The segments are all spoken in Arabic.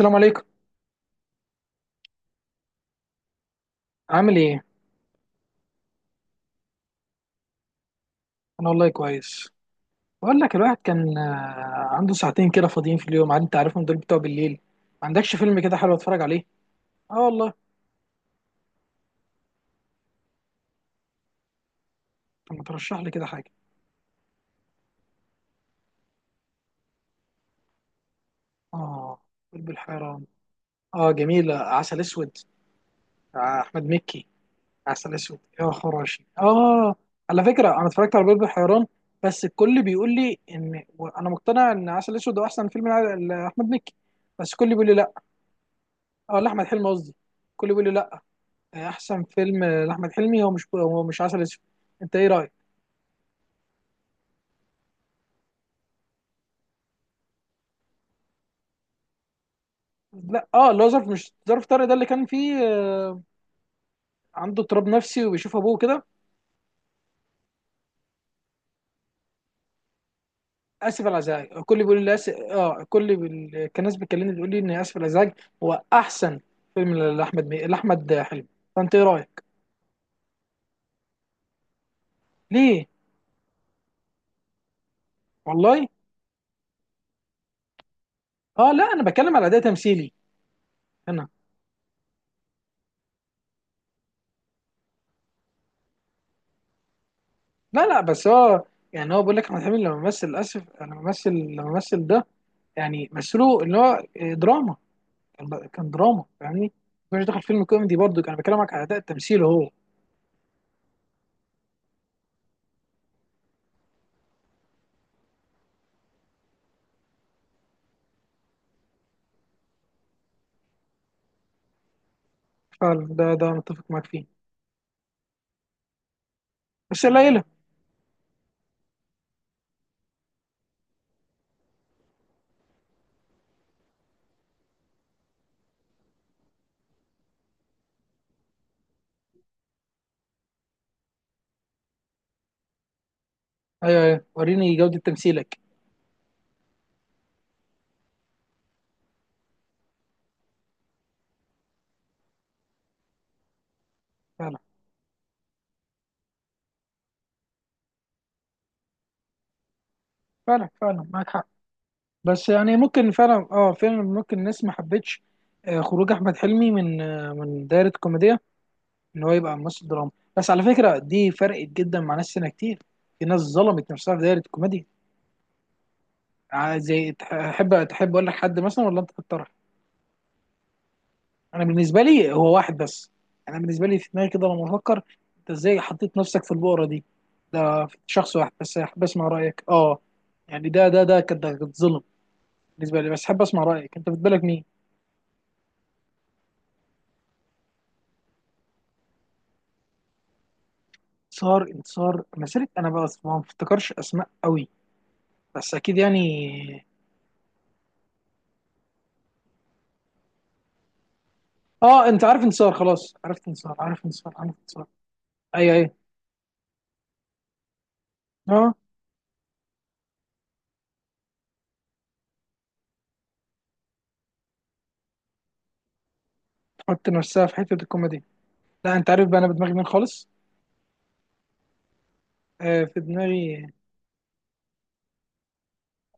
السلام عليكم. عامل ايه؟ انا والله كويس. بقول لك الواحد كان عنده ساعتين كده فاضيين في اليوم، عاد انت عارفهم دول بتوع بالليل. ما عندكش فيلم كده حلو اتفرج عليه؟ اه والله. طب ما ترشح لي كده حاجه. اه. قلب الحيران. اه، جميله. عسل اسود. احمد مكي. عسل اسود يا خراشي، اه. على فكره، انا اتفرجت على قلب الحيران. بس الكل بيقول لي ان. انا مقتنع ان عسل اسود هو احسن فيلم لاحمد مكي. بس الكل بيقول لي لا. اه، لاحمد حلمي قصدي. الكل بيقول لي لا. احسن فيلم لاحمد حلمي هو مش عسل اسود. انت ايه رايك؟ لا، اه، اللي هو ظرف، مش ظرف طارق، ده اللي كان فيه عنده اضطراب نفسي وبيشوف ابوه كده. اسف على الازعاج. الكل بيقول لي اسف، اه، الكل كان ناس بتكلمني بتقول لي ان اسف على الازعاج. هو احسن فيلم لاحمد حلمي. فانت ايه رايك؟ ليه؟ والله. اه لا، انا بتكلم على اداء تمثيلي. انا. لا لا، بس هو، يعني هو بيقول لك احمد حلمي لما مثل اسف، لما مثل ده، يعني مثله اللي هو دراما. كان دراما، فاهمني؟ مش داخل فيلم كوميدي برضو، كان بكلمك على اداء التمثيل هو. فعلا، ده أنا متفق معاك فيه. بس قليله. ايوه، ايوه، وريني جوده تمثيلك. فعلا، فعلا، فعلا معاك حق. بس يعني ممكن فعلا، اه فعلا ممكن الناس ما حبتش خروج احمد حلمي من من دايره كوميديا، ان هو يبقى ممثل دراما. بس على فكره دي فرقت جدا مع ناس سنه كتير. في ناس ظلمت نفسها في دايره الكوميديا. زي تحب اقول لك حد مثلا ولا انت تختار؟ انا بالنسبه لي هو واحد بس. انا بالنسبه لي في دماغي كده لما افكر، انت ازاي حطيت نفسك في البؤره دي؟ ده شخص واحد بس، حابب اسمع رايك، اه. يعني ده كانت ظلم بالنسبه لي، بس حابب اسمع رايك، انت في بالك مين؟ انتصار مسيره، انا بس ما بفتكرش اسماء قوي، بس اكيد يعني. اه، انت عارف انتصار، خلاص عرفت انتصار، عارف انتصار، عارف انتصار. ايوه، ايوه. اه، تحط نفسها في حته الكوميدي. لا، انت عارف بقى انا بدماغي مين خالص؟ في دماغي.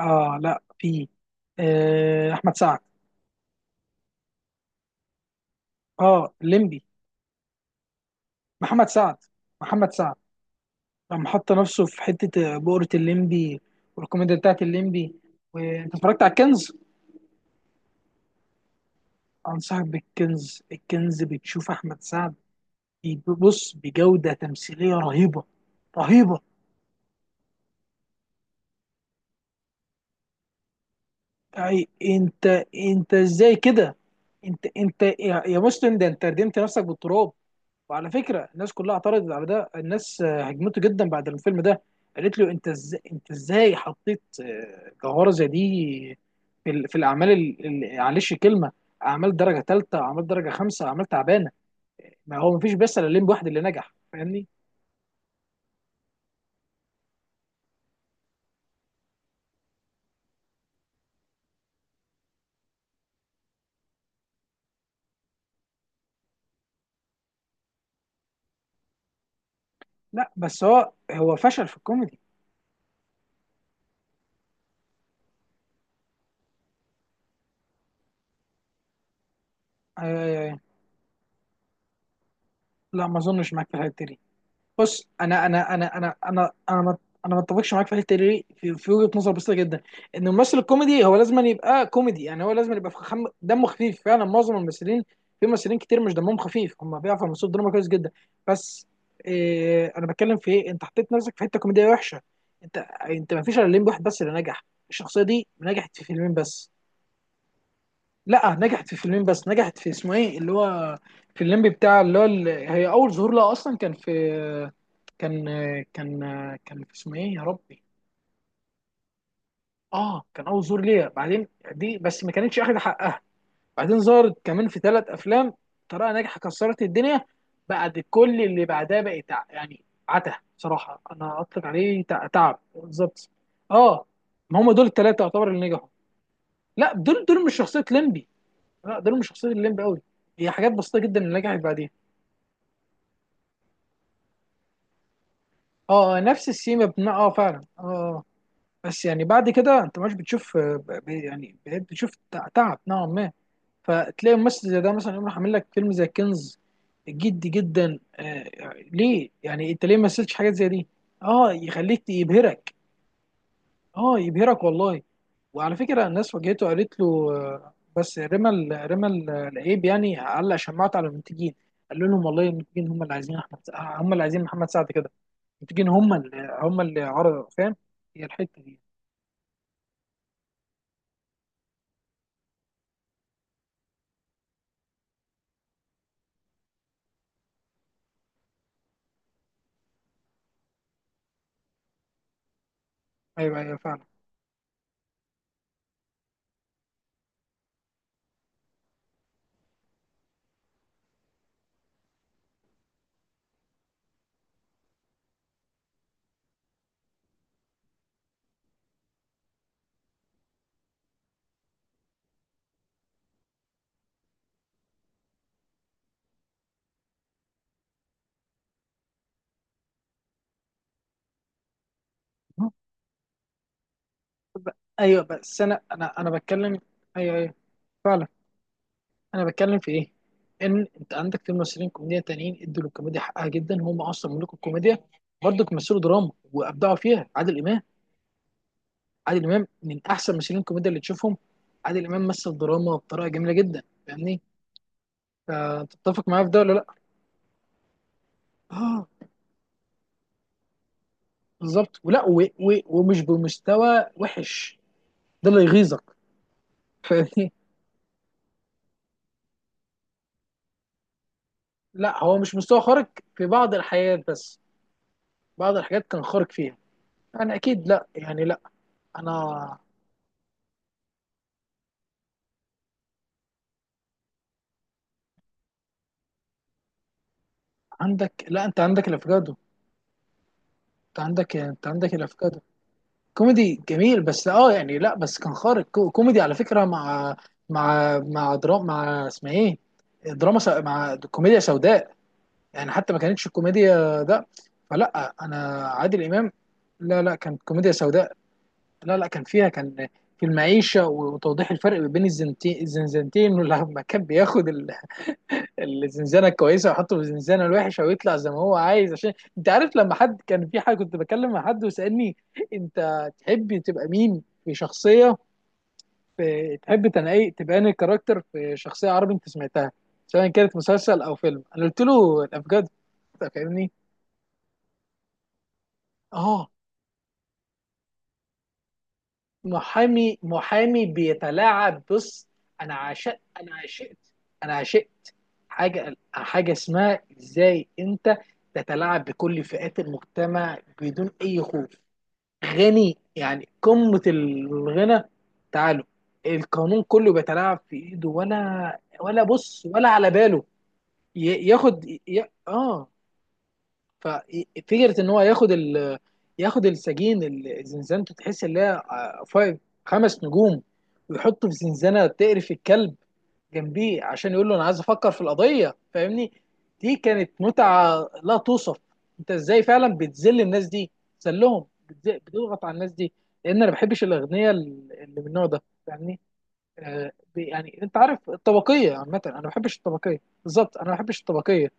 اه، لا، في. احمد سعد. اه، الليمبي. محمد سعد، محمد سعد، لما حط نفسه في حته بؤره الليمبي والكوميديا بتاعت الليمبي. وانت اتفرجت على الكنز؟ انصحك بالكنز. الكنز بتشوف احمد سعد، بص بجوده تمثيليه رهيبه، رهيبه. يعني انت ازاي كده؟ انت يا مسلم، ده انت ردمت نفسك بالتراب. وعلى فكره الناس كلها اعترضت على ده، الناس هجمته جدا بعد الفيلم ده، قالت له انت ازاي حطيت جوهره زي دي في الاعمال معلش كلمه، اعمال درجه ثالثه، اعمال درجه خمسه، اعمال تعبانه. ما هو مفيش بس الا الليمبي، واحد اللي نجح، فاهمني؟ لا بس هو فشل في الكوميدي. آه لا، ما اظنش معاك في الحته دي. بص انا ما، انا ما اتفقش معاك في الحته دي، في وجهه نظر بسيطه جدا، ان الممثل الكوميدي هو لازم أن يبقى كوميدي، يعني هو لازم أن يبقى دمه خفيف. فعلا معظم الممثلين، في ممثلين كتير مش دمهم خفيف، هم بيعرفوا يمثلوا الدراما كويس جدا، بس إيه، انا بتكلم في ايه؟ انت حطيت نفسك في حته كوميديه وحشه. انت، انت ما فيش الا لين واحد بس اللي نجح. الشخصيه دي نجحت في فيلمين بس. لا نجحت في فيلمين بس، نجحت في اسمه ايه اللي هو، في الليمبي بتاع اللي هو هي اول ظهور لها اصلا كان في، كان كان كان في اسمه ايه يا ربي؟ اه كان اول ظهور ليها، بعدين دي بس ما كانتش اخد حقها. بعدين ظهرت كمان في 3 افلام، طريقه ناجحه كسرت الدنيا. بعد كل اللي بعدها بقى يعني عته، صراحه انا اطلق عليه تعب بالظبط. اه، ما هم دول الثلاثه يعتبر اللي نجحوا. لا، دول مش شخصيه ليمبي، لا ده مش شخصية الليمب قوي، هي حاجات بسيطة جدا اللي نجحت بعديها. اه، نفس السيما بناء، اه فعلا، اه. بس يعني بعد كده انت مش بتشوف، يعني بقيت بتشوف تعب نوعا ما. فتلاقي ممثل زي ده مثلا يقوم راح عامل لك فيلم زي كنز، جدي جدا. ليه يعني، انت ليه ما مثلتش حاجات زي دي؟ اه، يخليك يبهرك. اه، يبهرك والله. وعلى فكره الناس واجهته، قالت له، بس رمى العيب، يعني علق شماعته على المنتجين، قال لهم والله المنتجين هم اللي عايزين محمد سعد كده. المنتجين هم اللي عرضوا، فاهم؟ هي الحته دي. ايوه، ايوه، فعلا. ب- ايوه بس انا بتكلم، ايوه، ايوه، فعلا، انا بتكلم في ايه؟ ان انت عندك في ممثلين كوميديا تانيين ادوا للكوميديا حقها جدا، هم اصلا ملوك الكوميديا، برضه مثلوا دراما وابدعوا فيها. عادل امام، عادل امام من احسن ممثلين الكوميديا اللي تشوفهم. عادل امام مثل دراما بطريقه جميله جدا، فاهمني؟ فتتفق معايا في ده ولا لا؟ اه، بالظبط، ولا و و ومش بمستوى وحش، ده اللي يغيظك، فاهمني؟ لا هو مش مستوى خارق في بعض الحاجات بس، بعض الحاجات كان خارق فيها. انا اكيد لا، يعني لا. انا، عندك، لا، انت عندك الافوكادو. انت عندك الافوكادو. كوميدي جميل، بس اه يعني لا بس كان خارق، كوميدي على فكرة، مع، مع دراما، مع اسمها ايه، مع كوميديا سوداء. يعني حتى ما كانتش الكوميديا ده، فلا انا عادل امام. لا، لا، كانت كوميديا سوداء. لا، لا، كان فيها كان في المعيشة، وتوضيح الفرق بين الزنزانتين، ولما كان بياخد الزنزانه الكويسه ويحطه في الزنزانه الوحشه ويطلع زي ما هو عايز. عشان، انت عارف، لما حد كان في حاجه، كنت بتكلم مع حد وسالني، انت تحب تبقى مين في شخصيه؟ في تحب تنقي تبان الكاركتر في شخصيه عربي، انت سمعتها سواء كانت مسلسل او فيلم، انا قلت له الافجار، فاهمني؟ اه، محامي، محامي بيتلاعب، بص. انا عشقت انا عشقت انا عشقت حاجه اسمها ازاي، انت تتلاعب بكل فئات المجتمع بدون اي خوف، غني يعني قمه الغنى، تعالوا، القانون كله بيتلاعب في ايده، ولا بص ولا على باله. ي- ياخد ي... اه ففكره ان هو ياخد ياخد السجين اللي زنزانته تحس ان هي فايف، 5 نجوم، ويحطه في زنزانه تقرف الكلب جنبيه، عشان يقول له انا عايز افكر في القضيه، فاهمني؟ دي كانت متعه لا توصف. انت ازاي فعلا بتذل الناس دي؟ ذلهم. بتضغط على الناس دي، لان انا ما بحبش الاغنياء اللي من النوع ده، فاهمني؟ يعني انت عارف الطبقيه، عامه انا ما بحبش الطبقيه، بالظبط انا ما بحبش الطبقيه،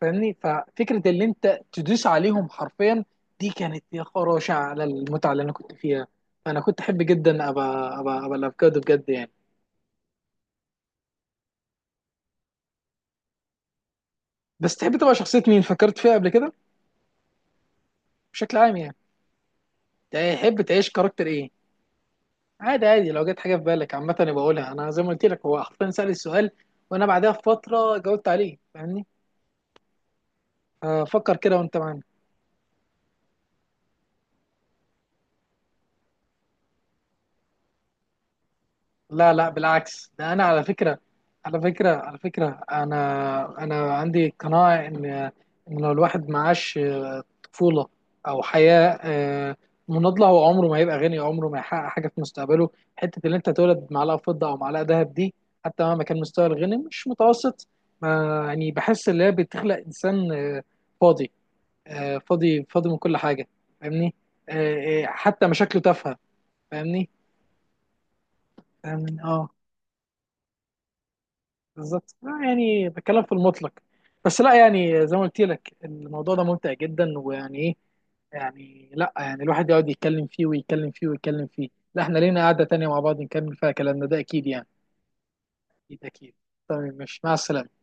فاهمني؟ ففكره اللي انت تدوس عليهم حرفيا، دي كانت يا خراشة على المتعه اللي انا كنت فيها. انا كنت احب جدا ابقى الافوكادو بجد يعني. بس تحب تبقى شخصيه مين فكرت فيها قبل كده؟ بشكل عام يعني، تحب تعيش كاركتر ايه؟ عادي، عادي، لو جت حاجه في بالك عامه أنا بقولها. انا زي ما قلت لك، هو حرفيا سأل السؤال وانا بعدها بفتره جاوبت عليه، فاهمني؟ فكر كده وانت معايا. لا، لا، بالعكس، ده انا على فكره انا عندي قناعه ان لو الواحد معاش طفوله، او حياه مناضله، هو عمره ما هيبقى غني، عمره ما هيحقق حاجه في مستقبله. حته اللي انت تولد معلقه فضه او معلقه ذهب دي، حتى مهما كان مستوى الغني مش متوسط، ما يعني بحس ان هي بتخلق انسان فاضي، فاضي فاضي من كل حاجه، فاهمني؟ حتى مشاكله تافهه، فاهمني؟ فاهمني، اه، بالظبط، لا يعني بتكلم في المطلق. بس لا يعني زي ما قلت لك الموضوع ده ممتع جدا، ويعني ايه، يعني لا يعني الواحد يقعد يتكلم فيه، ويتكلم فيه، ويتكلم فيه. لا احنا لينا قعدة تانية مع بعض نكمل فيها كلامنا ده، اكيد يعني. اكيد، اكيد. طيب، مش مع السلامة.